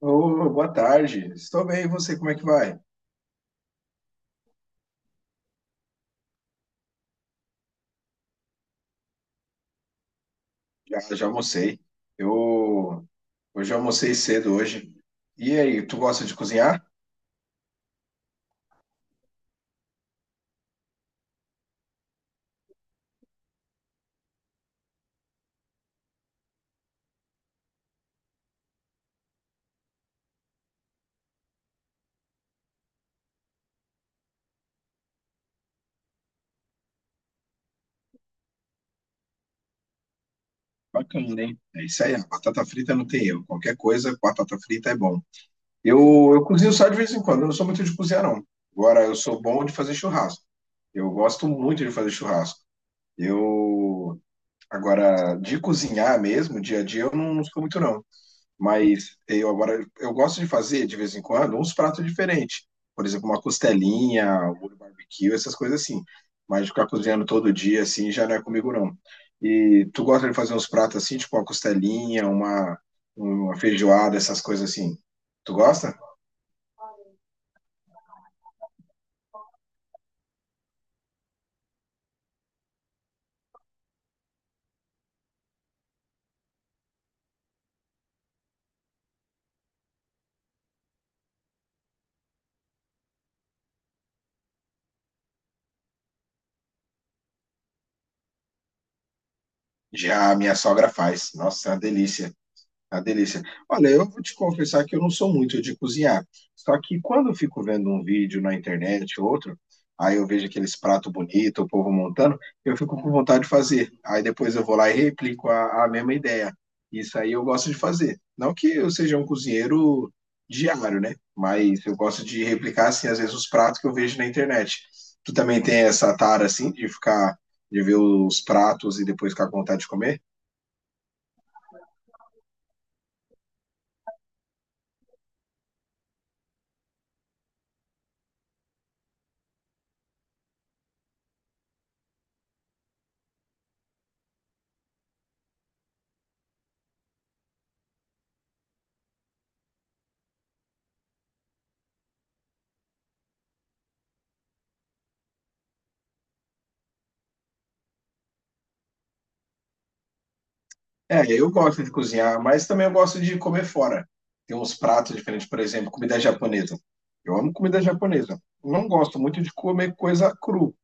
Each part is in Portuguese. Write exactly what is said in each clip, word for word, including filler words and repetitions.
Ô, boa tarde. Estou bem, e você, como é que vai? Já, já almocei. Eu hoje eu almocei cedo hoje. E aí, tu gosta de cozinhar? Bacana, hein? É isso aí, a batata frita não tem erro. Qualquer coisa, batata frita é bom. Eu, eu cozinho só de vez em quando, eu não sou muito de cozinhar, não. Agora, eu sou bom de fazer churrasco. Eu gosto muito de fazer churrasco. Eu, agora, de cozinhar mesmo, dia a dia, eu não não sou muito, não. Mas eu agora eu gosto de fazer de vez em quando uns pratos diferentes. Por exemplo, uma costelinha, um molho barbecue, essas coisas assim. Mas ficar cozinhando todo dia assim já não é comigo não. E tu gosta de fazer uns pratos assim, tipo uma costelinha, uma, uma feijoada, essas coisas assim. Tu gosta? Já a minha sogra faz. Nossa, é uma delícia. A delícia. Olha, eu vou te confessar que eu não sou muito de cozinhar. Só que quando eu fico vendo um vídeo na internet ou outro, aí eu vejo aqueles pratos bonitos, o povo montando, eu fico com vontade de fazer. Aí depois eu vou lá e replico a, a mesma ideia. Isso aí eu gosto de fazer. Não que eu seja um cozinheiro diário, né? Mas eu gosto de replicar, assim, às vezes os pratos que eu vejo na internet. Tu também tem essa tara, assim, de ficar, de ver os pratos e depois ficar com vontade de comer? É, eu gosto de cozinhar, mas também eu gosto de comer fora. Tem uns pratos diferentes, por exemplo, comida japonesa. Eu amo comida japonesa. Não gosto muito de comer coisa cru,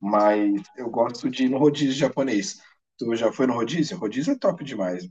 mas eu gosto de ir no rodízio japonês. Tu já foi no rodízio? Rodízio é top demais.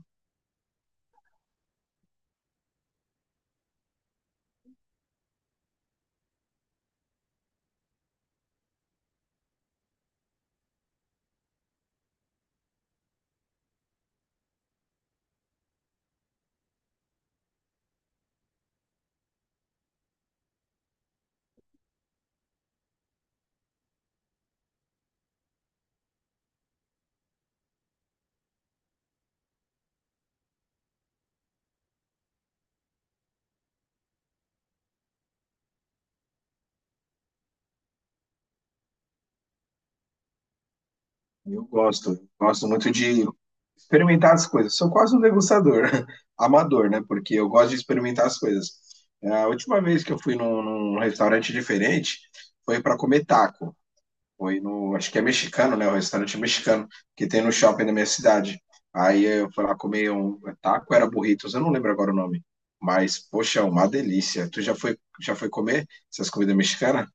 Eu gosto, eu gosto muito de experimentar as coisas. Sou quase um degustador, amador, né? Porque eu gosto de experimentar as coisas. É, a última vez que eu fui num, num restaurante diferente foi para comer taco. Foi no. Acho que é mexicano, né? O restaurante mexicano que tem no shopping da minha cidade. Aí eu fui lá comer um taco, era burritos, eu não lembro agora o nome. Mas, poxa, é uma delícia. Tu já foi, já foi comer essas comidas mexicanas?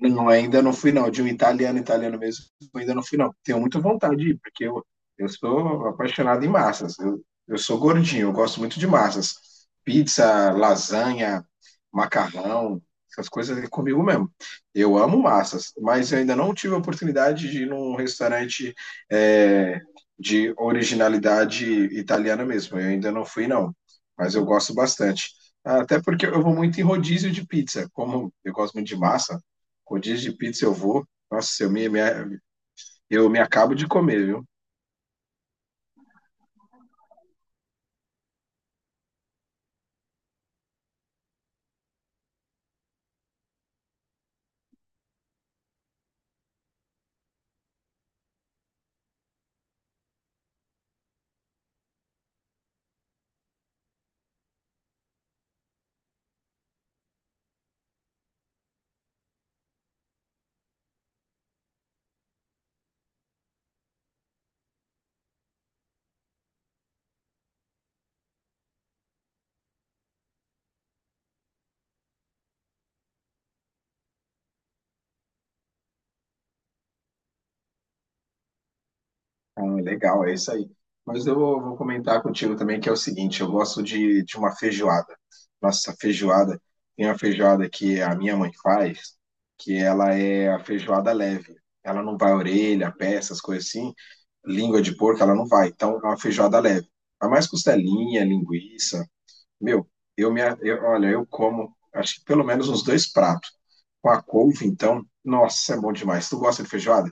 Não, ainda não fui, não. De um italiano, italiano mesmo, ainda não fui, não. Tenho muita vontade de ir, porque eu, eu sou apaixonado em massas. Eu, eu sou gordinho, eu gosto muito de massas. Pizza, lasanha, macarrão, essas coisas é comigo mesmo. Eu amo massas, mas eu ainda não tive a oportunidade de ir num restaurante é, de originalidade italiana mesmo. Eu ainda não fui, não. Mas eu gosto bastante. Até porque eu vou muito em rodízio de pizza. Como eu gosto muito de massa, rodízio de pizza eu vou. Nossa, eu me, me- eu me acabo de comer, viu? Ah, legal, é isso aí. Mas eu vou, vou comentar contigo também que é o seguinte, eu gosto de, de uma feijoada. Nossa, feijoada, tem uma feijoada que a minha mãe faz, que ela é a feijoada leve. Ela não vai orelha, pé, essas coisas assim. Língua de porco, ela não vai. Então, é uma feijoada leve. Vai mais costelinha, linguiça. Meu, eu me, eu- olha, eu como, acho que pelo menos uns dois pratos. Com a couve, então, nossa, é bom demais. Tu gosta de feijoada?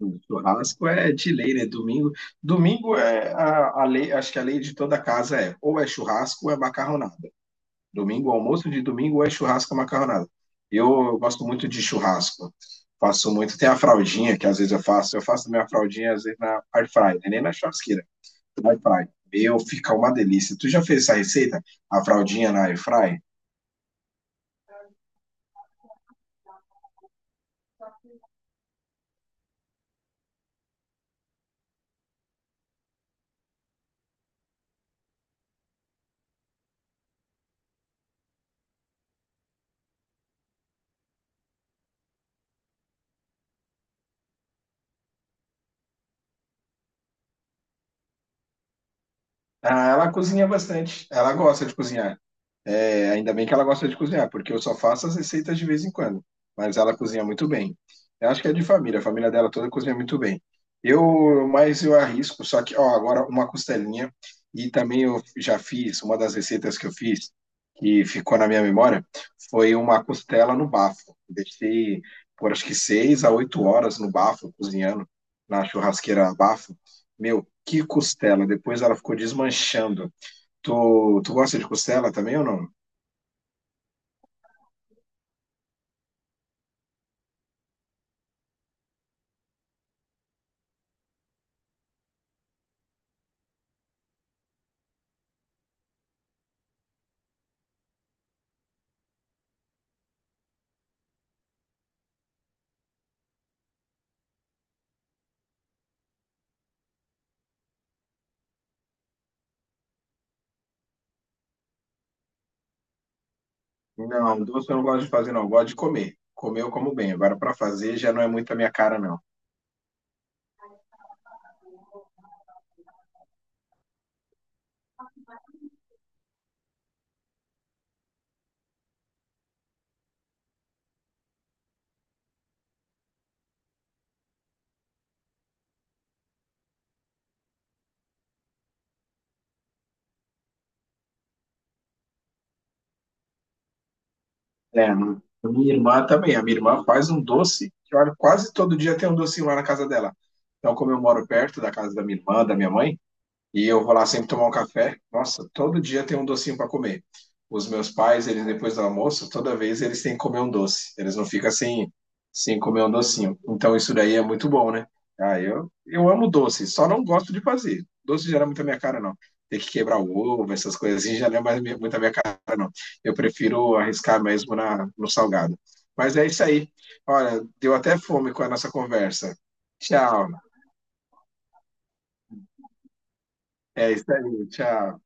Hum, Churrasco é de lei, né? Domingo, domingo é a, a lei, acho que a lei de toda casa é, ou é churrasco ou é macarronada. Domingo, almoço de domingo, ou é churrasco ou macarronada. Eu, eu gosto muito de churrasco. Faço muito, tem a fraldinha que às vezes eu faço, eu faço minha fraldinha às vezes na air fryer, nem na churrasqueira. Air fry. Meu, fica uma delícia. Tu já fez essa receita? A fraldinha na air fry? Ah, ela cozinha bastante. Ela gosta de cozinhar. É, ainda bem que ela gosta de cozinhar, porque eu só faço as receitas de vez em quando. Mas ela cozinha muito bem. Eu acho que é de família, a família dela toda cozinha muito bem. Eu, mas eu arrisco, só que, ó, agora uma costelinha. E também eu já fiz, uma das receitas que eu fiz, que ficou na minha memória, foi uma costela no bafo. Deixei por acho que seis a oito horas no bafo, cozinhando, na churrasqueira a bafo. Meu, que costela! Depois ela ficou desmanchando. Tu, tu gosta de costela também ou não? Não, doce eu não gosto de fazer, não. Eu gosto de comer. Comer eu como bem. Agora, para fazer já não é muito a minha cara, não. É, mano. Minha irmã também. A minha irmã faz um doce que, olha, quase todo dia tem um docinho lá na casa dela. Então, como eu moro perto da casa da minha irmã, da minha mãe, e eu vou lá sempre tomar um café. Nossa, todo dia tem um docinho para comer. Os meus pais, eles depois do almoço, toda vez eles têm que comer um doce. Eles não ficam sem, sem comer um docinho. Então isso daí é muito bom, né? Ah, eu, eu amo doce, só não gosto de fazer. Doce já não é muito a minha cara, não. Ter que quebrar o ovo, essas coisas assim, já não é mais minha- muito a minha cara, não. Eu prefiro arriscar mesmo na, no salgado. Mas é isso aí. Olha, deu até fome com a nossa conversa. Tchau. É isso aí. Tchau.